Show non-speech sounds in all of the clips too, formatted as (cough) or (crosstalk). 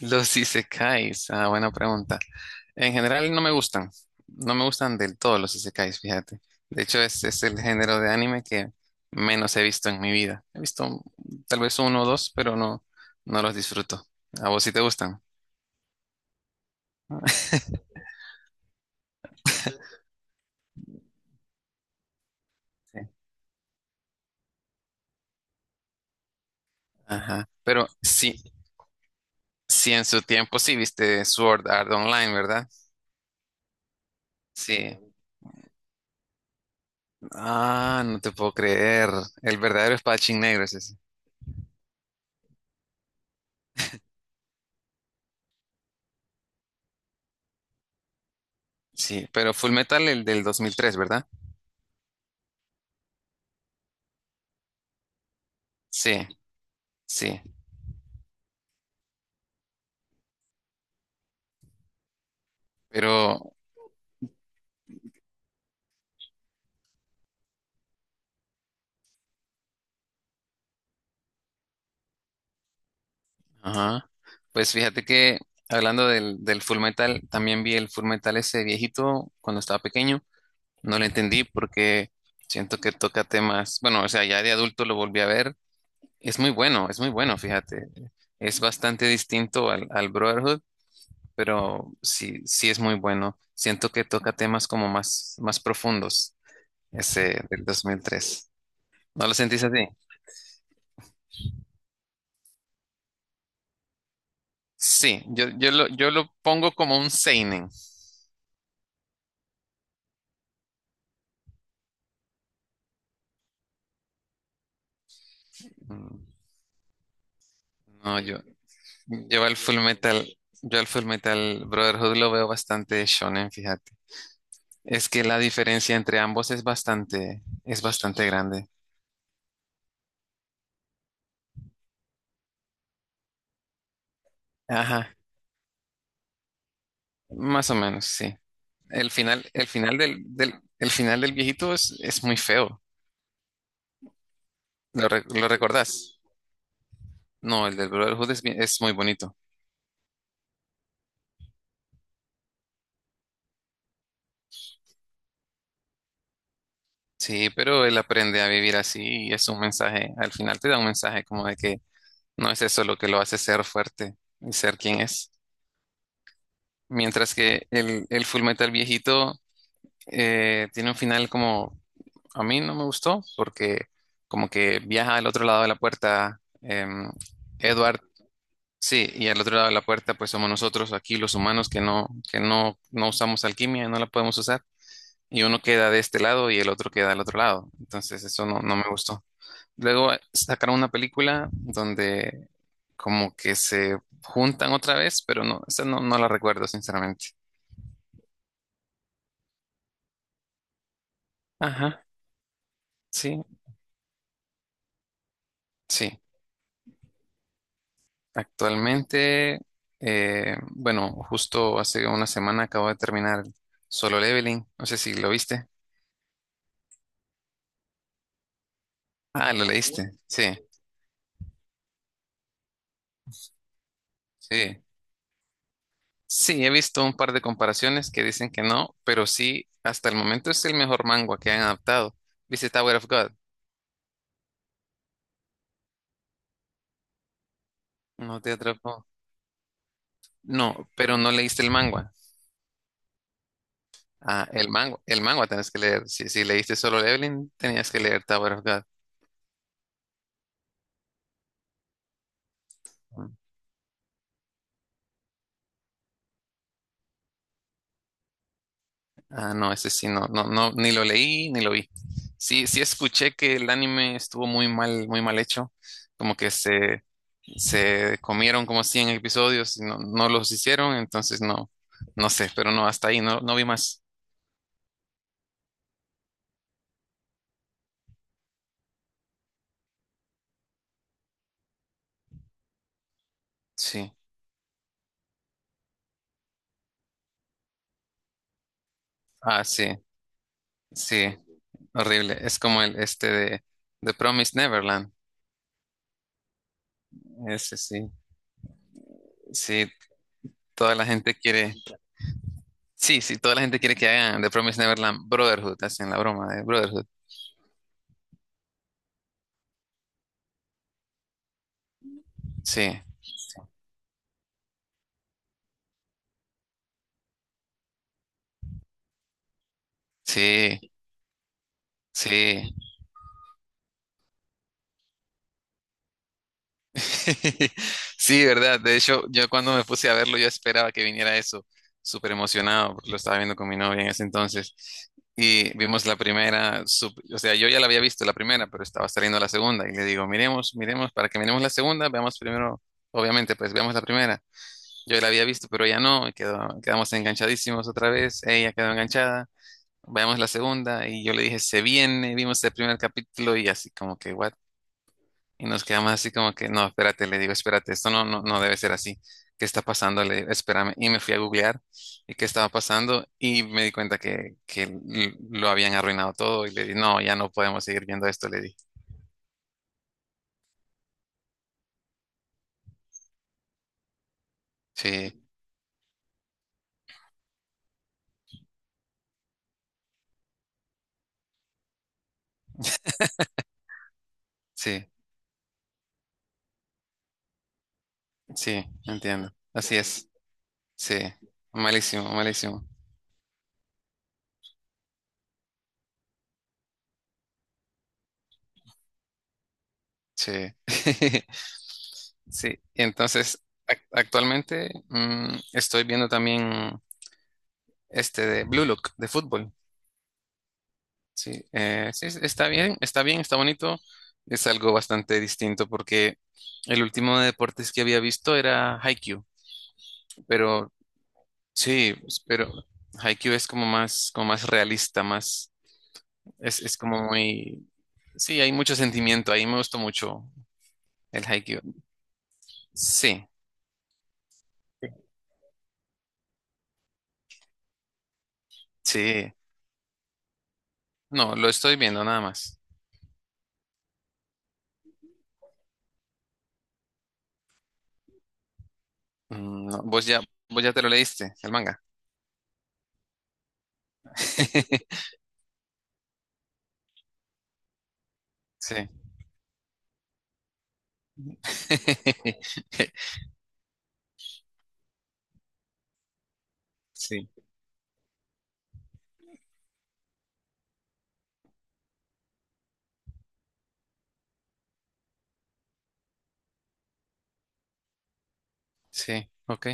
Los isekais, ah, buena pregunta. En general no me gustan, no me gustan del todo los isekais, fíjate. De hecho, es el género de anime que menos he visto en mi vida. He visto tal vez uno o dos, pero no los disfruto. ¿A vos sí te gustan? (laughs) Sí. Ajá. Pero sí, sí en su tiempo sí viste Sword Art Online, ¿verdad? Sí. Ah, no te puedo creer. El verdadero espadachín negro es ese. Sí, pero Full Metal el del 2003, ¿verdad? Sí, sí. Pero, ajá. Pues fíjate que hablando del Full Metal, también vi el Full Metal ese viejito cuando estaba pequeño. No lo entendí porque siento que toca temas. Bueno, o sea, ya de adulto lo volví a ver. Es muy bueno, fíjate. Es bastante distinto al Brotherhood, pero sí, sí es muy bueno. Siento que toca temas como más, más profundos, ese del 2003. ¿No lo sentís así? Sí, yo lo pongo como un seinen. Mm, No, Yo al Full Metal, yo al Full Metal Brotherhood lo veo bastante shonen, fíjate. Es que la diferencia entre ambos es bastante grande. Ajá, más o menos, sí. El final, el final del viejito es muy feo. ¿Lo, lo recordás? No, el del Brotherhood es, es muy bonito. Sí, pero él aprende a vivir así y es un mensaje, al final te da un mensaje como de que no es eso lo que lo hace ser fuerte y ser quien es. Mientras que el Full Metal viejito tiene un final como a mí no me gustó porque como que viaja al otro lado de la puerta Edward, sí, y al otro lado de la puerta pues somos nosotros aquí los humanos que no usamos alquimia, no la podemos usar y uno queda de este lado y el otro queda del otro lado. Entonces eso no me gustó. Luego sacaron una película donde como que se juntan otra vez, pero no, esa no, no la recuerdo sinceramente. Ajá, sí, sí. Actualmente, bueno, justo hace una semana acabo de terminar Solo Leveling. No sé si lo viste. Ah, lo Sí. leíste. Sí, sí. Sí, he visto un par de comparaciones que dicen que no, pero sí, hasta el momento es el mejor manga que han adaptado. ¿Viste Tower of God? No te atrapó. No, pero no leíste el manga. Ah, el manga tenés que leer. Si, si leíste Solo Leveling, tenías que leer Tower of God. Ah, no, ese sí, no, no, no, ni lo leí ni lo vi. Sí, sí escuché que el anime estuvo muy mal hecho, como que se comieron como 100 episodios y no, no los hicieron, entonces no, no sé, pero no, hasta ahí, no, no vi más. Sí, ah, sí, sí, horrible. Es como el este de The Promised Neverland, ese sí, sí, toda la gente quiere, sí, sí, toda la gente quiere que hagan The Promised Neverland Brotherhood, hacen la broma de Brotherhood, sí, sí, sí. (laughs) Sí, verdad. De hecho, yo cuando me puse a verlo, yo esperaba que viniera eso, súper emocionado, porque lo estaba viendo con mi novia en ese entonces. Y vimos la primera, o sea, yo ya la había visto la primera, pero estaba saliendo la segunda. Y le digo, miremos, miremos, para que miremos la segunda, veamos primero, obviamente, pues veamos la primera. Yo la había visto, pero ella no, y quedamos enganchadísimos otra vez. Ella quedó enganchada. Veamos la segunda, y yo le dije, se viene. Vimos el primer capítulo, y así como que, what, y nos quedamos así como que, no, espérate, le digo, espérate, esto no debe ser así. ¿Qué está pasando? Le digo, espérame. Y me fui a googlear y qué estaba pasando y me di cuenta que lo habían arruinado todo y le di, no, ya no podemos seguir viendo esto, le di. Sí, sí, sí, entiendo. Así es. Sí, malísimo, malísimo. Sí. (laughs) Sí, y entonces actualmente estoy viendo también este de Blue Look de fútbol. Sí, sí, está bien, está bien, está bonito. Es algo bastante distinto porque el último de deportes que había visto era Haikyuu, pero sí, pues, pero Haikyuu es como más realista, más, es como muy, sí, hay mucho sentimiento, ahí me gustó mucho el Haikyuu. Sí, sí, no, lo estoy viendo nada más. No, vos ya te lo leíste, el manga. (laughs) Sí. (laughs) Sí, sí, ok.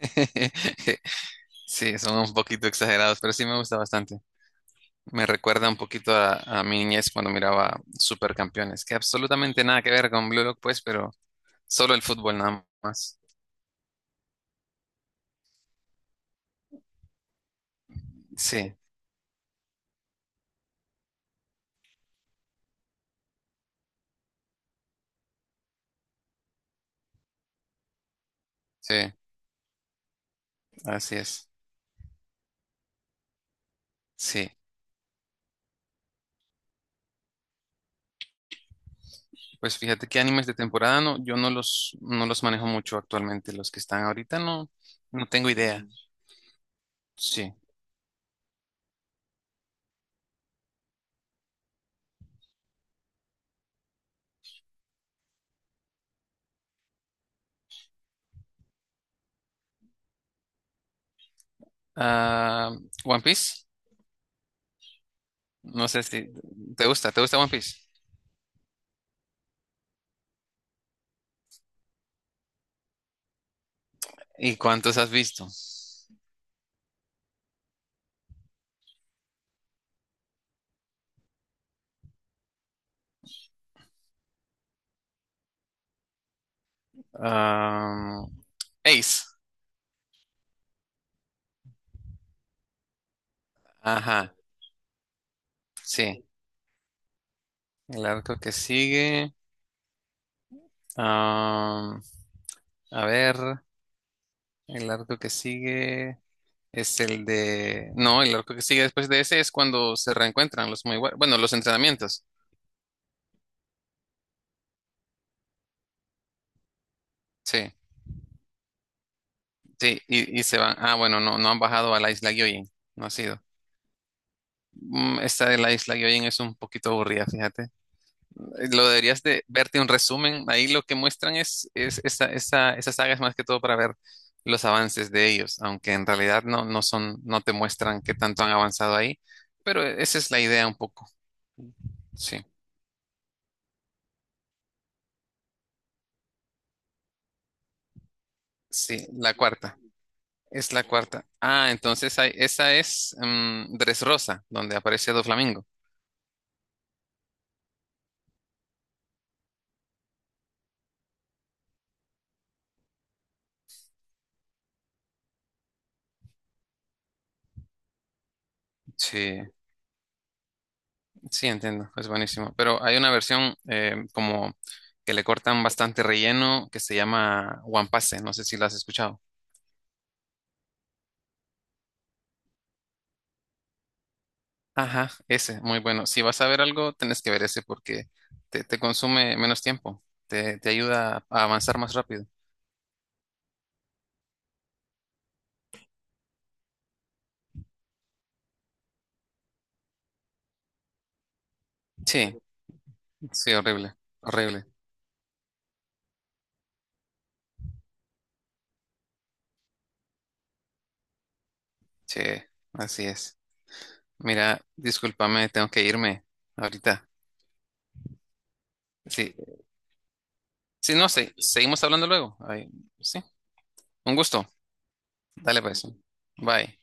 (laughs) Sí, son un poquito exagerados, pero sí me gusta bastante. Me recuerda un poquito a mi niñez cuando miraba Supercampeones, que absolutamente nada que ver con Blue Lock, pues, pero solo el fútbol nada más. Sí, sí, así es. Sí. Pues fíjate que animes de temporada no, yo no los manejo mucho actualmente. Los que están ahorita no, no tengo idea. Sí. Ah, One Piece, no sé si te gusta, ¿te gusta One Piece? ¿Y cuántos has visto? Ah, Ace, ajá. Sí, el arco que sigue. Ah, a ver, el arco que sigue es el de... No, el arco que sigue después de ese es cuando se reencuentran los muy buenos. Bueno, los entrenamientos. Sí, sí, y se van. Ah, bueno, no, no han bajado a la isla Gyojin. No ha sido. Esta de la isla Gyojin es un poquito aburrida, fíjate. Lo deberías de verte un resumen. Ahí lo que muestran es esa saga es más que todo para ver los avances de ellos, aunque en realidad no, no son, no te muestran qué tanto han avanzado ahí, pero esa es la idea un poco. Sí, sí, la cuarta. Es la cuarta. Ah, entonces esa es Dressrosa, donde aparece Doflamingo. Sí, sí, entiendo, es buenísimo. Pero hay una versión como que le cortan bastante relleno que se llama One Piece, no sé si la has escuchado. Ajá, ese, muy bueno. Si vas a ver algo, tenés que ver ese porque te consume menos tiempo, te ayuda a avanzar más rápido. Sí, sí, horrible, horrible. Sí, así es. Mira, discúlpame, tengo que irme ahorita. Sí, sí, no sé, seguimos hablando luego. Ay, sí, un gusto. Dale pues. Bye.